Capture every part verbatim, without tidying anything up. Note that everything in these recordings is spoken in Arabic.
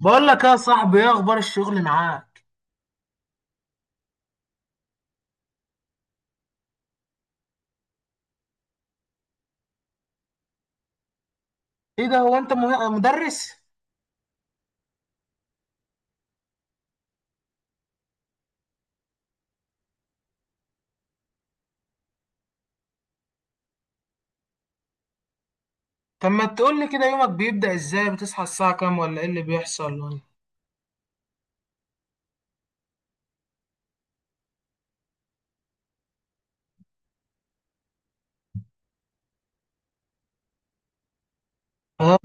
بقول لك يا صاحبي، ايه اخبار الشغل معاك؟ ايه ده، هو انت مه- مدرس؟ طب ما تقول لي كده، يومك بيبدأ ازاي؟ بتصحى الساعة كام ولا ايه اللي بيحصل ولا إيه؟ ها.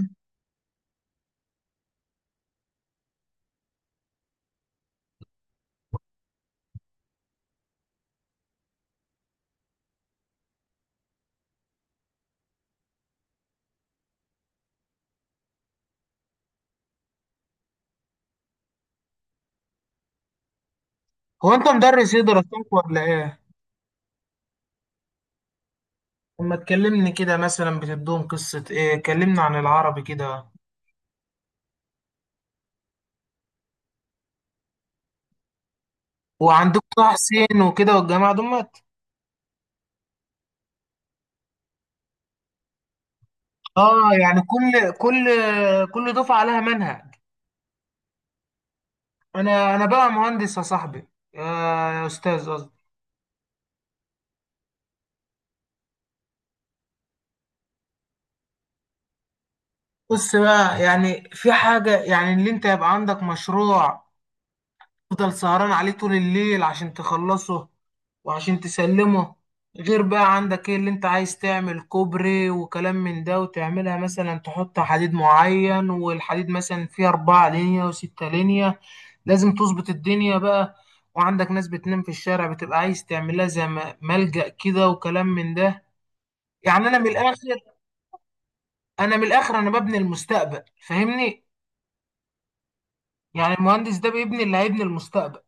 هو انت مدرس ايه دراستك ولا ايه؟ طب ما تكلمني كده، مثلا بتدوهم قصة ايه؟ كلمنا عن العربي كده. وعندك طه حسين وكده والجماعة دمت. اه يعني كل كل كل دفعة عليها منهج. انا انا بقى مهندس يا صاحبي، يا يا استاذ قصدي. بص بقى، يعني في حاجة، يعني اللي انت يبقى عندك مشروع تفضل سهران عليه طول الليل عشان تخلصه وعشان تسلمه. غير بقى عندك ايه اللي انت عايز تعمل؟ كوبري وكلام من ده، وتعملها مثلا تحط حديد معين، والحديد مثلا فيه أربعة لينية وستة لينية. لازم تظبط الدنيا بقى. وعندك ناس بتنام في الشارع، بتبقى عايز تعملها زي م- ملجأ كده وكلام من ده. يعني أنا من الآخر، أنا من الآخر أنا ببني المستقبل، فاهمني؟ يعني المهندس ده بيبني، اللي هيبني المستقبل.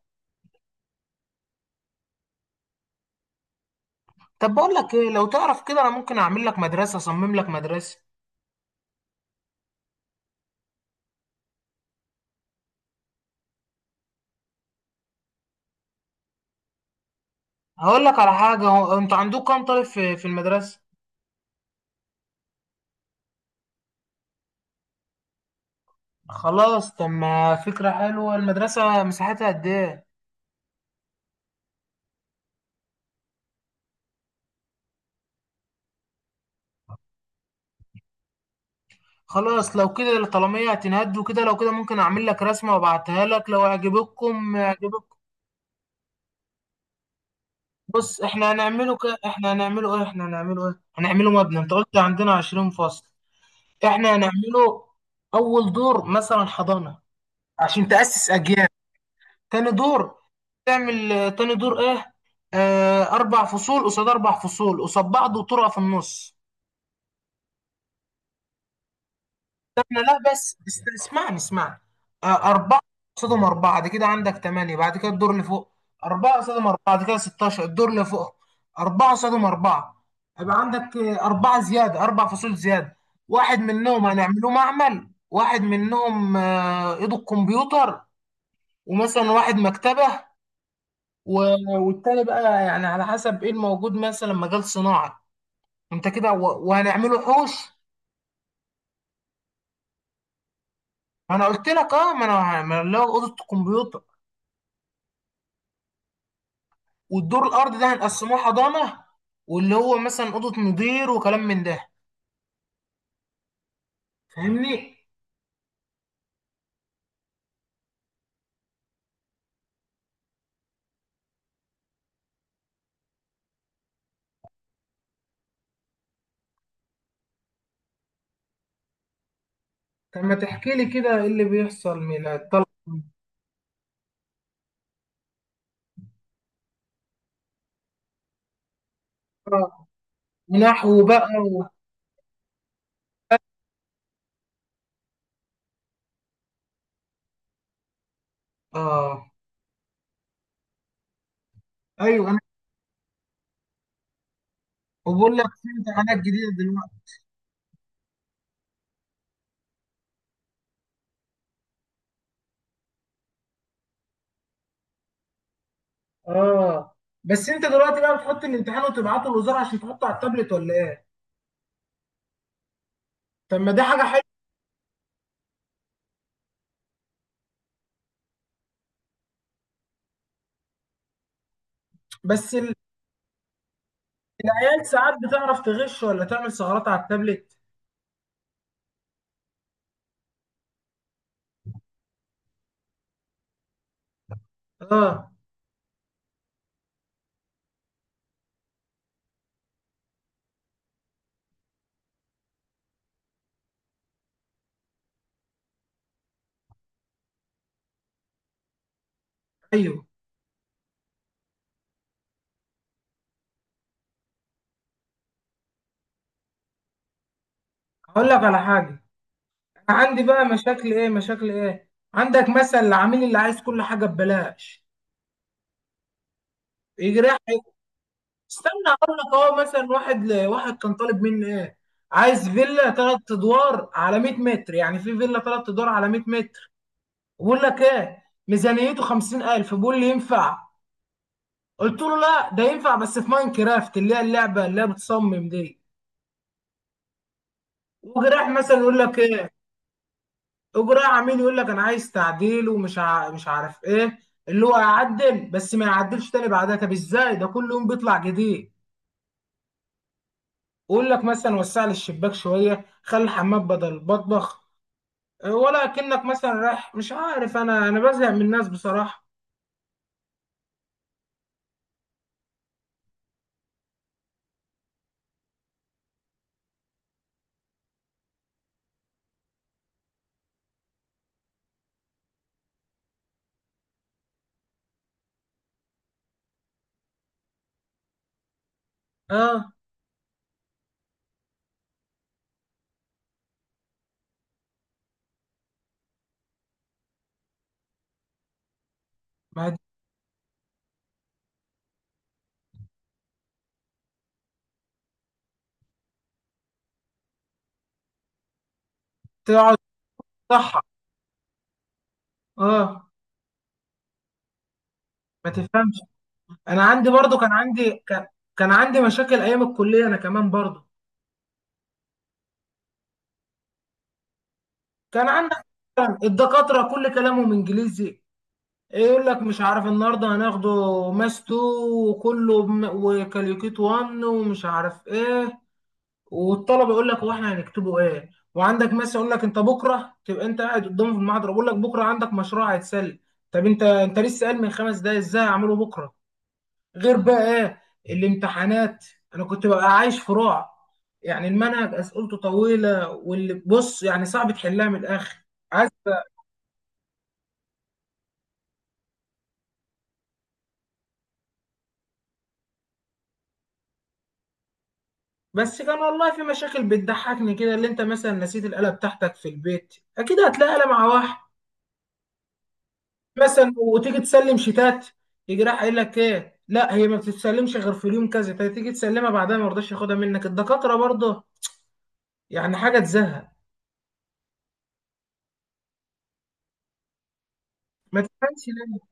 طب بقول لك ايه، لو تعرف كده انا ممكن اعمل لك مدرسه، اصمم لك مدرسه. هقول لك على حاجه، هو انتوا عندكم كام طالب في في المدرسه؟ خلاص. طب ما فكره حلوه، المدرسه مساحتها قد ايه؟ خلاص لو كده الطلبيه هتنهدوا كده، لو كده ممكن اعمل لك رسمه وابعتها لك، لو عجبتكم عجبتكم. بص، احنا هنعمله ك... احنا هنعمله ايه احنا هنعمله ايه هنعمله مبنى، انت قلت عندنا 20 فصل. احنا هنعمله اول دور مثلا حضانه، عشان تاسس اجيال. تاني دور، تعمل آه، تاني دور ايه؟ آه، اربع فصول قصاد اربع فصول قصاد بعض، وطرقه في النص. احنا لا، بس است- اسمعني اسمعني. آه، اربعه قصادهم اربعه، دي كده عندك ثمانيه. بعد كده الدور اللي فوق، اربعه قصادهم اربعه دي كده ستاشر. الدور اللي فوق اربعه قصادهم اربعه، يبقى عندك آه، اربعه زياده، اربع فصول زياده. واحد منهم هنعمله معمل، واحد منهم آه ايده الكمبيوتر، ومثلا واحد مكتبه، و- والتاني بقى يعني على حسب ايه الموجود، مثلا مجال صناعة. انت كده، و- وهنعمله حوش. ما انا قلت لك اه، ما انا ما أنا اللي هو اوضة الكمبيوتر، والدور الارضي ده هنقسموه حضانة، واللي هو مثلا اوضة مدير وكلام من ده. فاهمني؟ طب ما تحكي لي كده، ايه اللي بيحصل من الطلبة؟ ونحو بقى و... اه، ايوه انا. وبقول لك في امتحانات جديدة دلوقتي. اه، بس انت دلوقتي بقى بتحط الامتحان وتبعته للوزارة عشان تحطه على التابلت ولا ايه؟ طب ما دي حاجة حلوة. بس ال- العيال ساعات بتعرف تغش ولا تعمل ثغرات على التابلت. اه، ايوه. هقول لك على حاجه، أنا عندي بقى مشاكل ايه. مشاكل ايه؟ عندك مثلا العميل اللي عايز كل حاجه ببلاش، يجي رايح. استنى، اقول لك اهو، مثلا واحد ل... واحد كان طالب مني ايه، عايز فيلا ثلاث ادوار على مئة متر، يعني في فيلا ثلاث ادوار على مية متر؟ بقول لك ايه، ميزانيته خمسين الف بيقول لي ينفع. قلت له لا، ده ينفع بس في ماين كرافت، اللي هي اللعبه اللي هي بتصمم دي. وجراح مثلا يقول لك ايه، وجراح عميل يقول لك انا عايز تعديل، ومش ع... مش عارف ايه، اللي هو يعدل بس ما يعدلش تاني بعدها. طب ازاي ده كل يوم بيطلع جديد؟ ويقول لك مثلا وسع لي الشباك شويه، خلي الحمام بدل المطبخ، إيه، ولا كأنك مثلا رايح مش عارف، انا انا بزهق من الناس بصراحه. اه ما هي دي. تقعد. صح. اه. ما تفهمش. انا عندي برضو كان عندي كان, كان عندي مشاكل ايام الكليه، انا كمان برضو. كان عندك مثلاً الدكاترة كل كلامهم انجليزي، إيه يقول لك مش عارف النهارده هناخده ماس اتنين، وكله بم- وكاليوكيت واحد ومش عارف ايه. والطلبه يقول لك هو احنا هنكتبه ايه، وعندك ماس يقول لك انت بكره تبقى، انت قاعد قدامه في المحاضره بيقول لك بكره عندك مشروع هيتسلم. طب انت، انت لسه قال من خمس دقايق، ازاي هعمله بكره؟ غير بقى ايه الامتحانات، انا كنت ببقى عايش في رعب. يعني المنهج اسئلته طويله، واللي بص يعني صعب تحلها من الاخر. عايز. بس كان والله في مشاكل بتضحكني كده، اللي انت مثلا نسيت الآلة بتاعتك في البيت، اكيد هتلاقي آلة مع واحد مثلا. وتيجي تسلم شيتات، يجي راح قايل لك ايه لا، هي ما بتتسلمش غير في اليوم كذا، فتيجي تسلمها بعدها ما يرضاش ياخدها منك الدكاترة برضه. يعني حاجة تزهق. ما تفهمش ليه.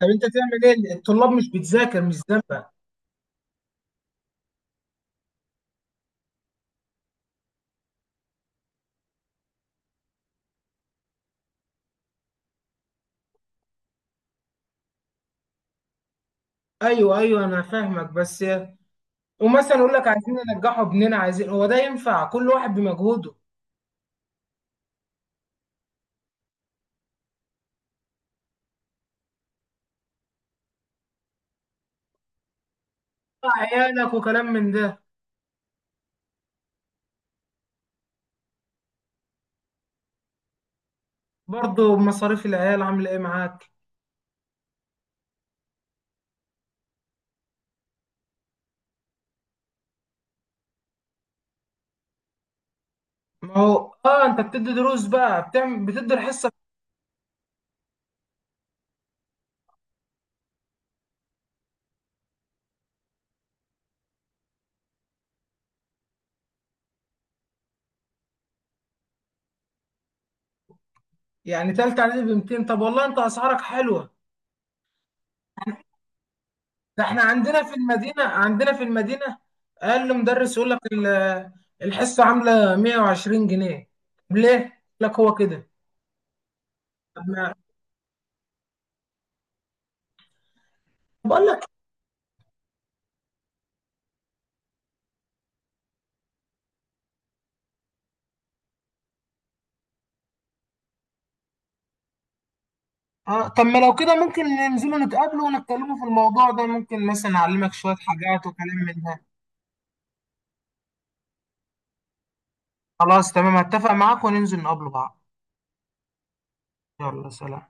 طب انت تعمل ايه، الطلاب مش بتذاكر مش ذنبك. ايوه، ايوه، انا فاهمك بس. ومثلا يقول لك عايزين ننجحوا ابننا، عايزين. هو ده ينفع؟ كل واحد بمجهوده. آه، عيالك وكلام من ده. برضه مصاريف العيال عامله ايه معاك. ما هو اه، انت بتدي دروس بقى، بتعمل بتدي الحصه. يعني تالتة اعدادي ب ميتين، طب والله انت اسعارك حلوه. ده احنا عندنا في المدينه، عندنا في المدينه اقل مدرس يقول لك ال- الحصه عامله مئة وعشرين جنيه. طب ليه؟ يقول لك هو كده. طب ما- بقول لك اه، طب ما لو كده ممكن ننزلوا نتقابلوا ونتكلموا في الموضوع ده، ممكن مثلا اعلمك شويه حاجات وكلام من ده. خلاص تمام اتفق معاك، وننزل نقابله بعض. يلا سلام.